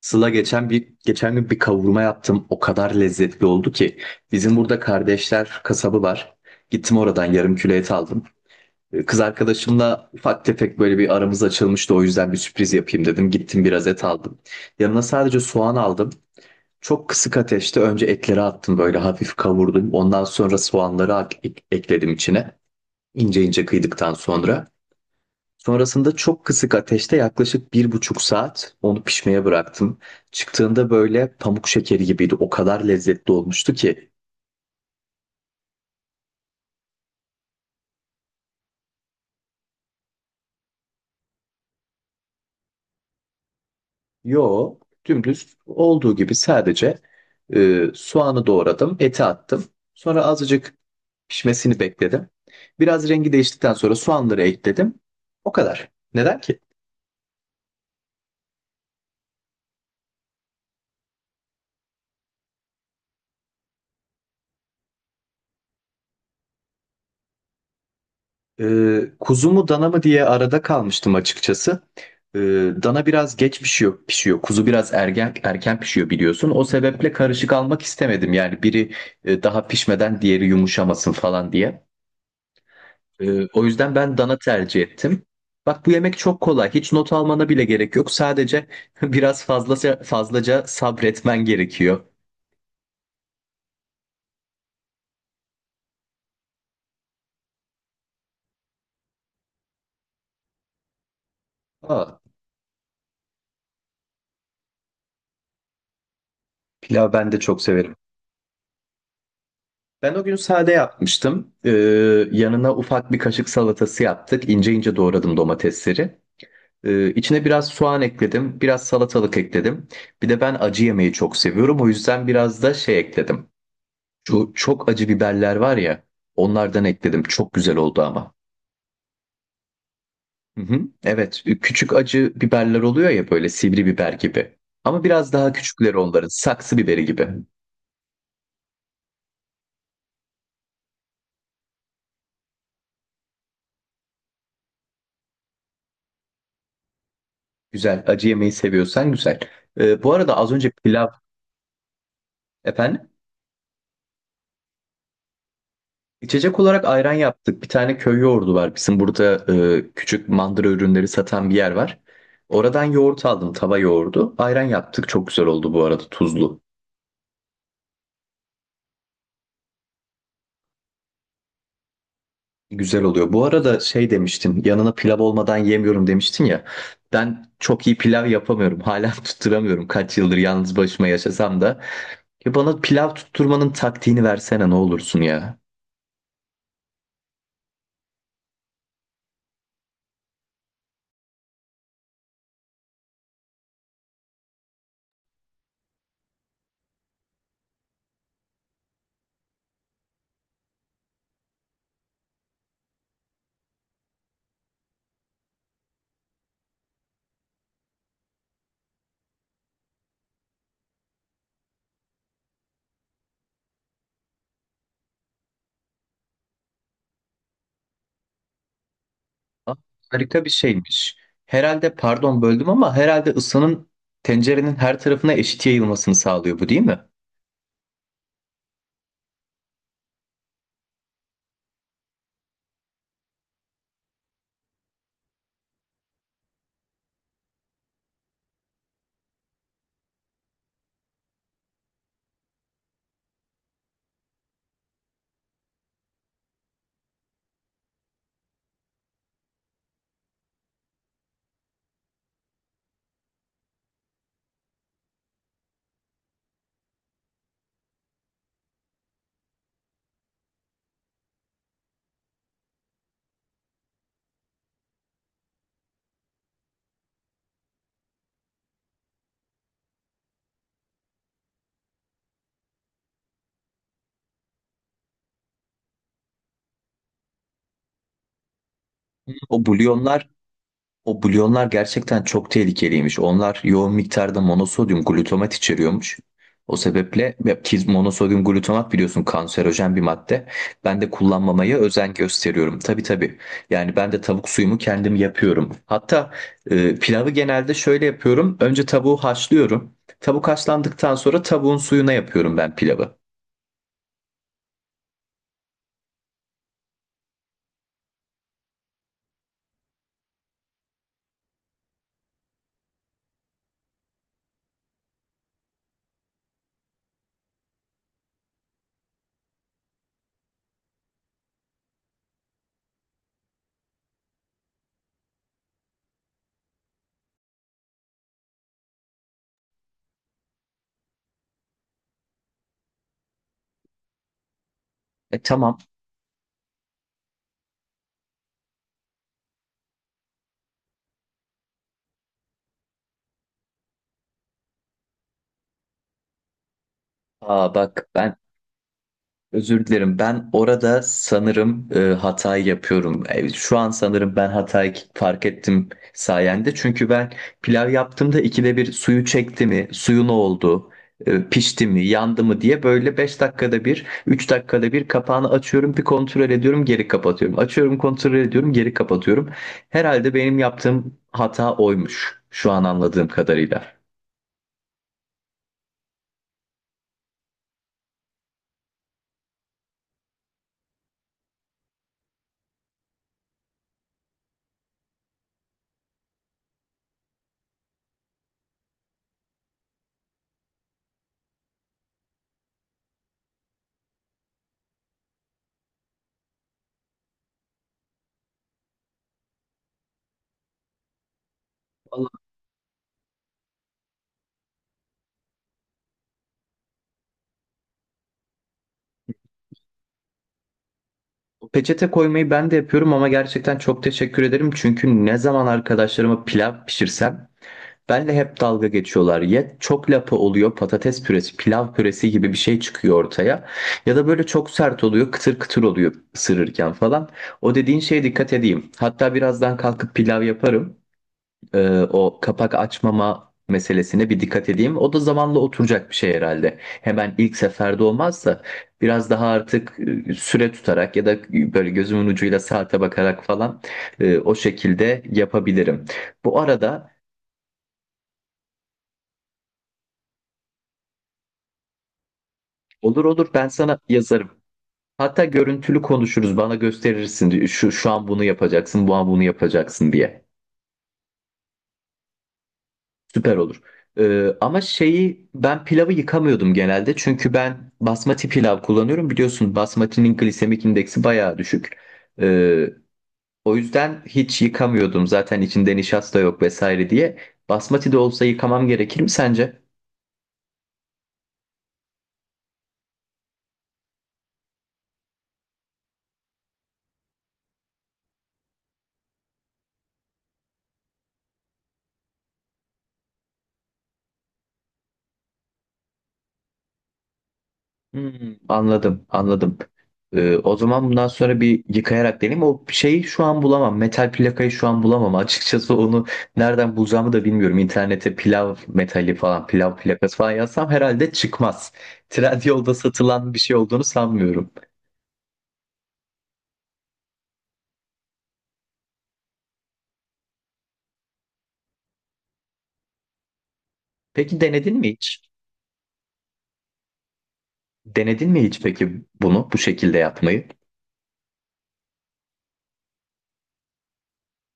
Sıla geçen gün bir kavurma yaptım. O kadar lezzetli oldu ki. Bizim burada kardeşler kasabı var. Gittim oradan yarım kilo et aldım. Kız arkadaşımla ufak tefek böyle bir aramız açılmıştı. O yüzden bir sürpriz yapayım dedim. Gittim biraz et aldım. Yanına sadece soğan aldım. Çok kısık ateşte önce etleri attım, böyle hafif kavurdum. Ondan sonra soğanları ekledim içine. İnce ince kıydıktan sonra. Sonrasında çok kısık ateşte yaklaşık 1,5 saat onu pişmeye bıraktım. Çıktığında böyle pamuk şekeri gibiydi. O kadar lezzetli olmuştu ki. Yo, dümdüz olduğu gibi sadece soğanı doğradım, eti attım. Sonra azıcık pişmesini bekledim. Biraz rengi değiştikten sonra soğanları ekledim. O kadar. Neden ki? Kuzu mu dana mı diye arada kalmıştım açıkçası. Ee, Dana biraz geç pişiyor. Kuzu biraz erken erken pişiyor, biliyorsun. O sebeple karışık almak istemedim. Yani biri daha pişmeden diğeri yumuşamasın falan diye. O yüzden ben dana tercih ettim. Bak, bu yemek çok kolay. Hiç not almana bile gerek yok. Sadece biraz fazlaca fazlaca sabretmen gerekiyor. Aa, pilav ben de çok severim. Ben o gün sade yapmıştım. Yanına ufak bir kaşık salatası yaptık. İnce ince doğradım domatesleri. İçine biraz soğan ekledim, biraz salatalık ekledim. Bir de ben acı yemeyi çok seviyorum. O yüzden biraz da şey ekledim. Şu çok acı biberler var ya, onlardan ekledim. Çok güzel oldu ama. Hı hı. Evet, küçük acı biberler oluyor ya, böyle sivri biber gibi. Ama biraz daha küçükleri onların, saksı biberi gibi. Güzel, acı yemeyi seviyorsan güzel. Bu arada az önce pilav, efendim? İçecek olarak ayran yaptık. Bir tane köy yoğurdu var. Bizim burada küçük mandıra ürünleri satan bir yer var. Oradan yoğurt aldım, tava yoğurdu. Ayran yaptık. Çok güzel oldu bu arada, tuzlu. Güzel oluyor. Bu arada şey demiştin, yanına pilav olmadan yemiyorum demiştin ya. Ben çok iyi pilav yapamıyorum. Hala tutturamıyorum. Kaç yıldır yalnız başıma yaşasam da. Ya bana pilav tutturmanın taktiğini versene, ne olursun ya. Aa, harika bir şeymiş. Herhalde, pardon böldüm ama, herhalde ısının tencerenin her tarafına eşit yayılmasını sağlıyor, bu değil mi? O bulyonlar O bulyonlar gerçekten çok tehlikeliymiş. Onlar yoğun miktarda monosodyum glutamat içeriyormuş. O sebeple, ya ki monosodyum glutamat biliyorsun, kanserojen bir madde. Ben de kullanmamaya özen gösteriyorum. Tabii, tabii. Yani ben de tavuk suyumu kendim yapıyorum. Hatta pilavı genelde şöyle yapıyorum. Önce tavuğu haşlıyorum. Tavuk haşlandıktan sonra tavuğun suyuna yapıyorum ben pilavı. E, tamam. Aa, bak ben özür dilerim. Ben orada sanırım hatayı yapıyorum. Şu an sanırım ben hatayı fark ettim sayende. Çünkü ben pilav yaptığımda ikide bir suyu çekti mi, suyu ne oldu, pişti mi, yandı mı diye böyle 5 dakikada bir, 3 dakikada bir kapağını açıyorum, bir kontrol ediyorum, geri kapatıyorum. Açıyorum, kontrol ediyorum, geri kapatıyorum. Herhalde benim yaptığım hata oymuş, şu an anladığım kadarıyla. Peçete koymayı ben de yapıyorum ama gerçekten çok teşekkür ederim. Çünkü ne zaman arkadaşlarıma pilav pişirsem benle hep dalga geçiyorlar. Ya çok lapa oluyor, patates püresi, pilav püresi gibi bir şey çıkıyor ortaya. Ya da böyle çok sert oluyor, kıtır kıtır oluyor ısırırken falan. O dediğin şeye dikkat edeyim. Hatta birazdan kalkıp pilav yaparım, o kapak açmama meselesine bir dikkat edeyim. O da zamanla oturacak bir şey herhalde. Hemen ilk seferde olmazsa biraz daha artık süre tutarak ya da böyle gözümün ucuyla saate bakarak falan, o şekilde yapabilirim. Bu arada olur, olur, ben sana yazarım. Hatta görüntülü konuşuruz, bana gösterirsin şu, şu an bunu yapacaksın, bu an bunu yapacaksın diye. Süper olur. Ama şeyi, ben pilavı yıkamıyordum genelde. Çünkü ben basmati pilav kullanıyorum. Biliyorsun, basmatinin glisemik indeksi bayağı düşük. Ee, O yüzden hiç yıkamıyordum. Zaten içinde nişasta yok vesaire diye. Basmati de olsa yıkamam gerekir mi sence? Hmm, anladım, anladım. O zaman bundan sonra bir yıkayarak deneyeyim. O şeyi şu an bulamam. Metal plakayı şu an bulamam. Açıkçası onu nereden bulacağımı da bilmiyorum. İnternete pilav metali falan, pilav plakası falan yazsam herhalde çıkmaz. Trendyol'da satılan bir şey olduğunu sanmıyorum. Peki denedin mi hiç? Denedin mi hiç peki, bunu bu şekilde yapmayı?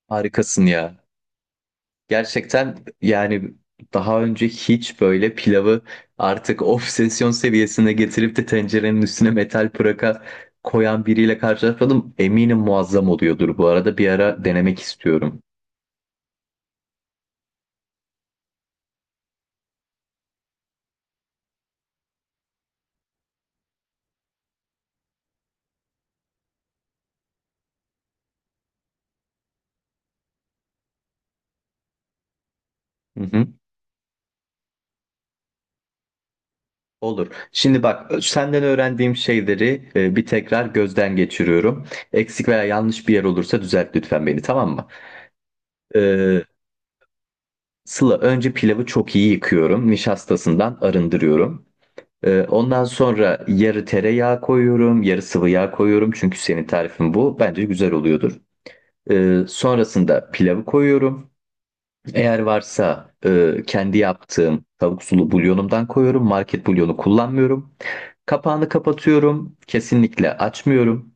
Harikasın ya. Gerçekten yani, daha önce hiç böyle pilavı artık obsesyon seviyesine getirip de tencerenin üstüne metal pıraka koyan biriyle karşılaşmadım. Eminim muazzam oluyordur bu arada. Bir ara denemek istiyorum. Hı hı. Olur. Şimdi bak, senden öğrendiğim şeyleri bir tekrar gözden geçiriyorum. Eksik veya yanlış bir yer olursa düzelt lütfen beni, tamam mı? Ee, Sıla, önce pilavı çok iyi yıkıyorum. Nişastasından arındırıyorum. Ondan sonra yarı tereyağı koyuyorum, yarı sıvı yağ koyuyorum. Çünkü senin tarifin bu. Bence güzel oluyordur. Sonrasında pilavı koyuyorum. Eğer varsa kendi yaptığım tavuk sulu bulyonumdan koyuyorum. Market bulyonu kullanmıyorum. Kapağını kapatıyorum. Kesinlikle açmıyorum.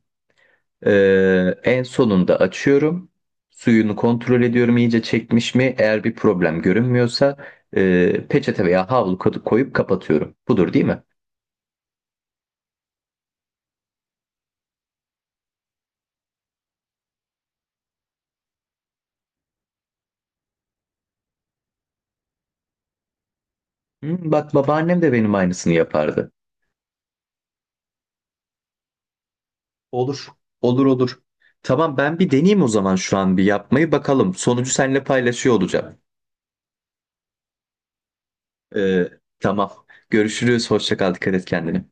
En sonunda açıyorum. Suyunu kontrol ediyorum, iyice çekmiş mi? Eğer bir problem görünmüyorsa peçete veya havlu koyup kapatıyorum. Budur değil mi? Hmm, bak babaannem de benim aynısını yapardı. Olur. Olur, olur. Tamam, ben bir deneyeyim o zaman, şu an bir yapmayı bakalım. Sonucu seninle paylaşıyor olacağım. Ee, tamam. Görüşürüz. Hoşça kal. Dikkat et kendine.